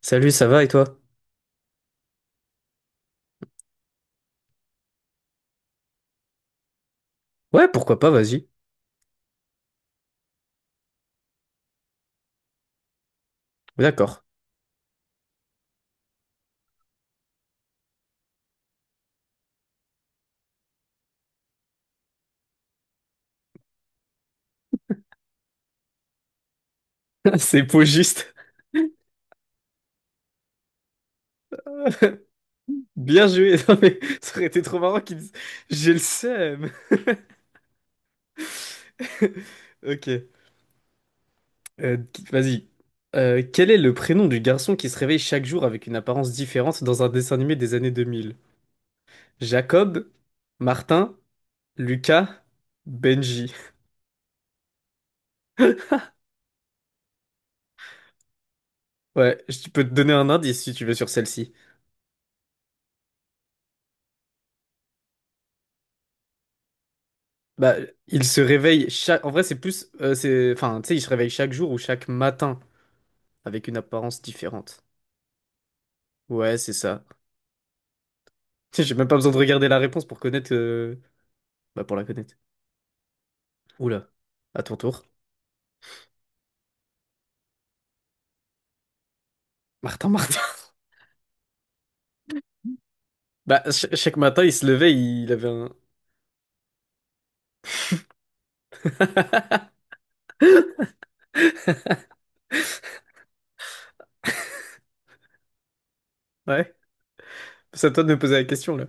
Salut, ça va et toi? Ouais, pourquoi pas, vas-y. D'accord. C'est pogiste. Bien joué. Non, mais ça aurait été trop marrant qu'ils disent j'ai le seum. Ok. Qui- vas-y. Quel est le prénom du garçon qui se réveille chaque jour avec une apparence différente dans un dessin animé des années deux mille? Jacob, Martin, Lucas, Benji. Ouais, je peux te donner un indice si tu veux sur celle-ci. Bah, il se réveille chaque. En vrai, c'est plus. C'est... Enfin, tu sais, il se réveille chaque jour ou chaque matin, avec une apparence différente. Ouais, c'est ça. J'ai même pas besoin de regarder la réponse pour connaître. Bah, pour la connaître. Oula, à ton tour. Martin, Martin. Bah, chaque matin, il se levait, il avait un. Ouais, c'est à toi de me poser la question, là.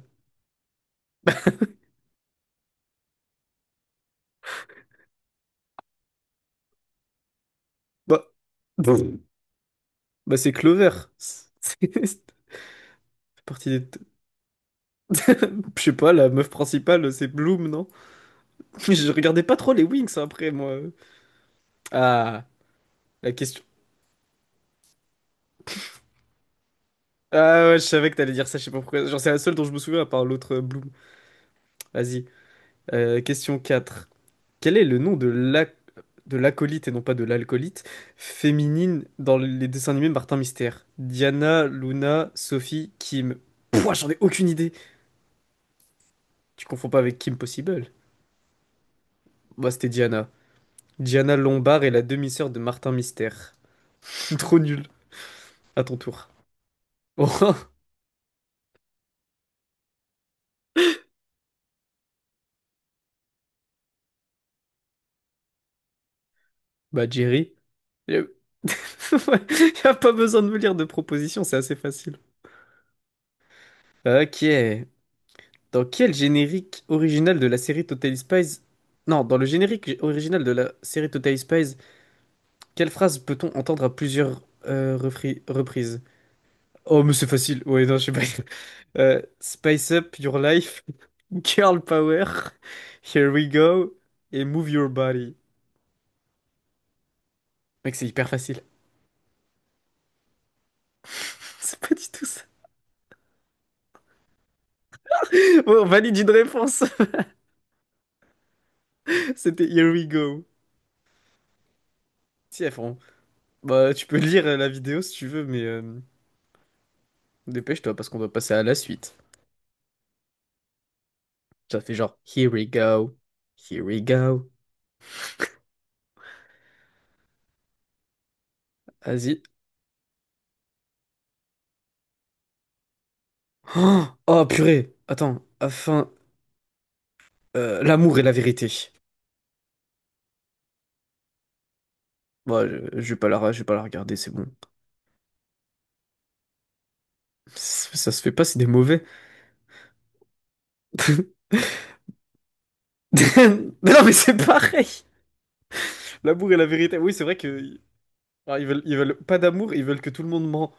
Bah, bon, bah c'est Clover. C'est c'est partie des. Je sais pas, la meuf principale, c'est Bloom, non? Je regardais pas trop les Wings après, moi. Ah, la question. Ah ouais, je savais que t'allais dire ça, je sais pas pourquoi. Genre, c'est la seule dont je me souviens à part l'autre Bloom. Vas-y. Question 4. Quel est le nom de de l'acolyte, et non pas de l'alcoolite, féminine dans les dessins animés Martin Mystère? Diana, Luna, Sophie, Kim. Pouah, j'en ai aucune idée. Tu confonds pas avec Kim Possible? Moi, c'était Diana. Diana Lombard est la demi-sœur de Martin Mystère. Trop nul. À ton tour. Oh, bah Jerry. Y a pas besoin de me lire de propositions, c'est assez facile. Ok. Dans quel générique original de la série Totally Spies... Non, dans le générique original de la série Totally Spies, quelle phrase peut-on entendre à plusieurs reprises? Oh, mais c'est facile. Ouais, non, je sais pas. Spice up your life, girl power, here we go, et move your body. Mec, c'est hyper facile. C'est pas du tout ça. Bon, on valide une réponse. C'était here we go. Si, elles font- Bah, tu peux lire la vidéo si tu veux, mais dépêche-toi parce qu'on doit passer à la suite. Ça fait genre, here we go, here we go. Vas-y. Oh, oh, purée. Attends, afin... l'amour et la vérité. Moi, je vais pas la, je vais pas la regarder, c'est bon. Ça se fait pas, c'est des mauvais. Mais non, mais c'est pareil. L'amour et la vérité. Oui, c'est vrai que... alors, ils veulent pas d'amour, ils veulent que tout le monde ment.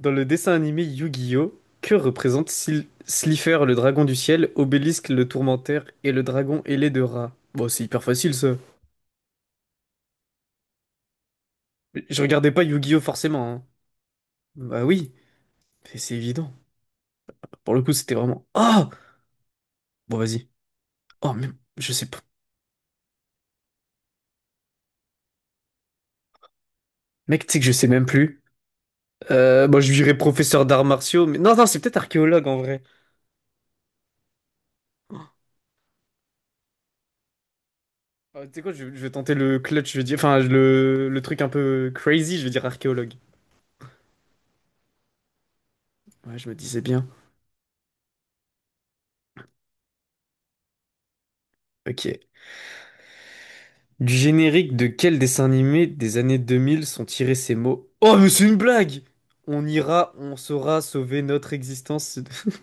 Dans le dessin animé Yu-Gi-Oh! Que représente Slifer, le dragon du ciel, Obélisque, le tourmentaire et le dragon ailé de rat? Bon, c'est hyper facile ça. Je regardais pas Yu-Gi-Oh! forcément, hein. Bah oui, c'est évident. Pour le coup, c'était vraiment. Oh! Bon, vas-y. Oh, mais je sais pas. Mec, tu sais que je sais même plus. Moi, je dirais professeur d'arts martiaux, mais non, c'est peut-être archéologue en vrai. Ah, tu sais quoi, je vais tenter le clutch, je vais dire. Enfin, le truc un peu crazy, je vais dire archéologue. Ouais, je me disais bien. Ok. Du générique de quel dessin animé des années 2000 sont tirés ces mots? Oh, mais c'est une blague! On ira, on saura sauver notre existence.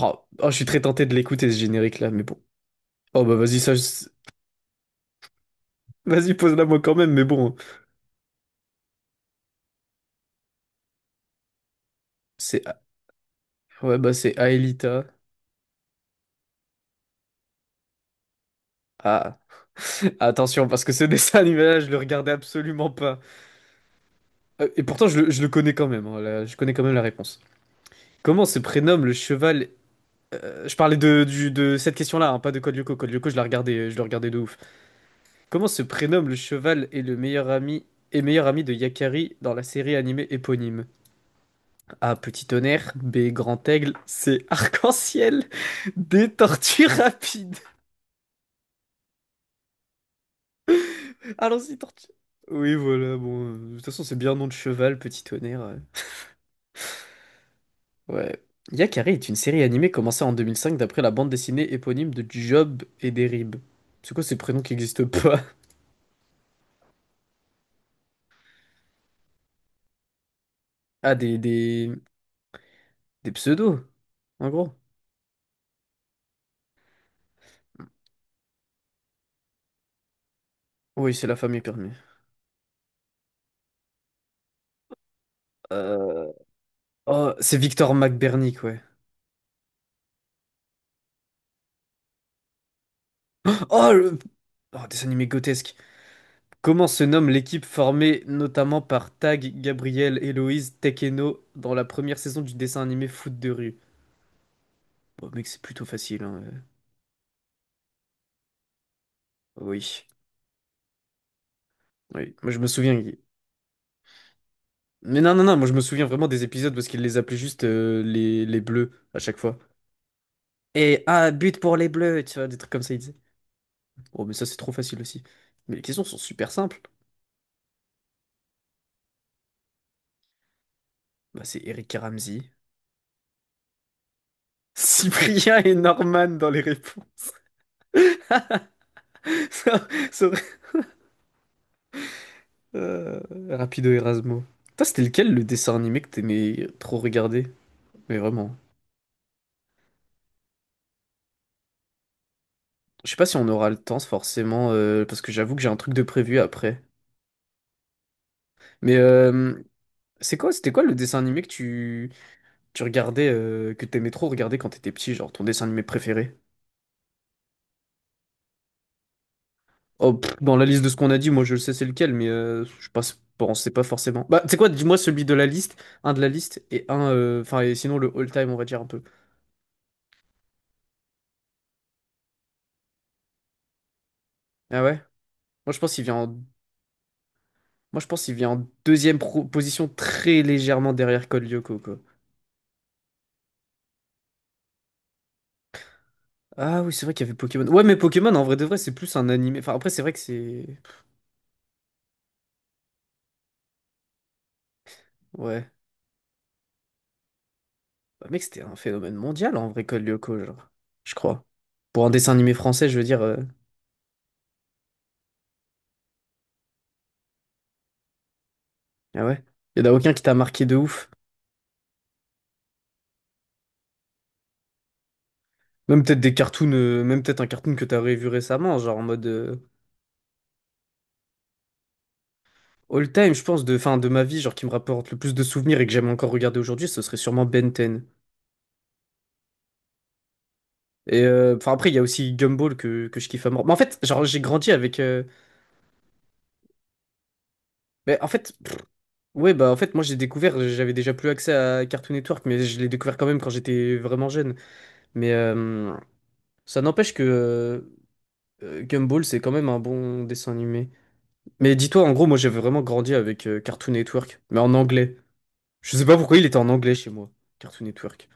Oh, oh, je suis très tenté de l'écouter ce générique-là, mais bon. Oh bah vas-y, ça. Vas-y, pose-la moi quand même, mais bon. C'est, ouais, bah c'est Aelita. Ah, attention, parce que ce dessin animé-là, je le regardais absolument pas. Et pourtant, je le connais quand même, hein, je connais quand même la réponse. Comment se prénomme le cheval... Je parlais de, de cette question-là, hein, pas de Code Lyoko. Code Lyoko, je le regardais de ouf. Comment se prénomme le cheval et le meilleur ami... Et meilleur ami de Yakari dans la série animée éponyme. A. Petit tonnerre. B. Grand aigle. C. Arc-en-ciel. D. Tortue rapide. Allons-y, tortue. Oui, voilà, bon. De toute façon, c'est bien un nom de cheval, petit tonnerre. Ouais. Yakari est une série animée commencée en 2005 d'après la bande dessinée éponyme de Job et Derib. C'est quoi ces prénoms qui n'existent pas? Ah, des pseudos, en gros. Oui, c'est la famille permis. Euh... Oh, c'est Victor McBernick, ouais. Oh, le... oh, dessin animé grotesque. Comment se nomme l'équipe formée notamment par Tag, Gabriel, Héloïse, Tekeno dans la première saison du dessin animé Foot de rue? Bon, mec, c'est plutôt facile, hein. Oui, oui. Moi, je me souviens. Mais non. Moi, je me souviens vraiment des épisodes parce qu'il les appelait juste les bleus à chaque fois. Et ah, but pour les bleus, tu vois, des trucs comme ça, il disait. Oh, mais ça, c'est trop facile aussi. Mais les questions sont super simples. Bah, c'est Eric et Ramzy, Cyprien et Norman dans les réponses. Ça- ça aurait- Euh, Rapido Erasmo. Toi, c'était lequel le dessin animé que t'aimais trop regarder? Mais vraiment. Je sais pas si on aura le temps, forcément, parce que j'avoue que j'ai un truc de prévu après. Mais c'était quoi le dessin animé que tu regardais, que t'aimais trop regarder quand t'étais petit, genre ton dessin animé préféré? Oh, pff, dans la liste de ce qu'on a dit, moi je le sais c'est lequel, mais je pense, bon, c'est pas forcément. Bah, c'est quoi, dis-moi celui de la liste, un de la liste et un, enfin, et sinon le all-time, on va dire un peu. Ah ouais? Moi je pense qu'il vient en, moi je pense qu'il vient en deuxième position très légèrement derrière Code Lyoko, quoi. Ah oui, c'est vrai qu'il y avait Pokémon. Ouais, mais Pokémon, en vrai de vrai, c'est plus un animé. Enfin, après, c'est vrai que c'est. Ouais. Bah, mec, c'était un phénomène mondial en vrai, Code Lyoko, genre. Je crois. Pour un dessin animé français, je veux dire. Ah ouais. Y en a aucun qui t'a marqué de ouf. Même peut-être des cartoons, même peut-être un cartoon que t'as revu récemment, genre en mode all time, je pense, fin, de ma vie, genre qui me rapporte le plus de souvenirs et que j'aime encore regarder aujourd'hui, ce serait sûrement Ben 10. Et enfin après, il y a aussi Gumball que je kiffe à mort. Mais en fait, genre j'ai grandi avec. Mais en fait, ouais, bah en fait, moi j'ai découvert, j'avais déjà plus accès à Cartoon Network, mais je l'ai découvert quand même quand j'étais vraiment jeune. Mais, euh, Ça n'empêche que Gumball, c'est quand même un bon dessin animé. Mais dis-toi, en gros, moi j'avais vraiment grandi avec Cartoon Network, mais en anglais. Je sais pas pourquoi il était en anglais chez moi, Cartoon Network.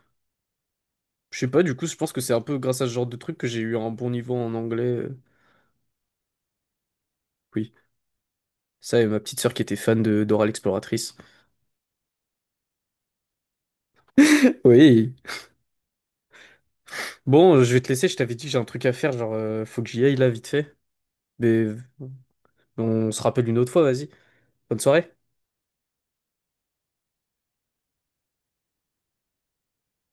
Je sais pas, du coup, je pense que c'est un peu grâce à ce genre de truc que j'ai eu un bon niveau en anglais. Oui, ça et ma petite sœur qui était fan de Dora l'exploratrice. Oui. Bon, je vais te laisser, je t'avais dit que j'ai un truc à faire, faut que j'y aille là, vite fait. Mais on se rappelle une autre fois, vas-y. Bonne soirée.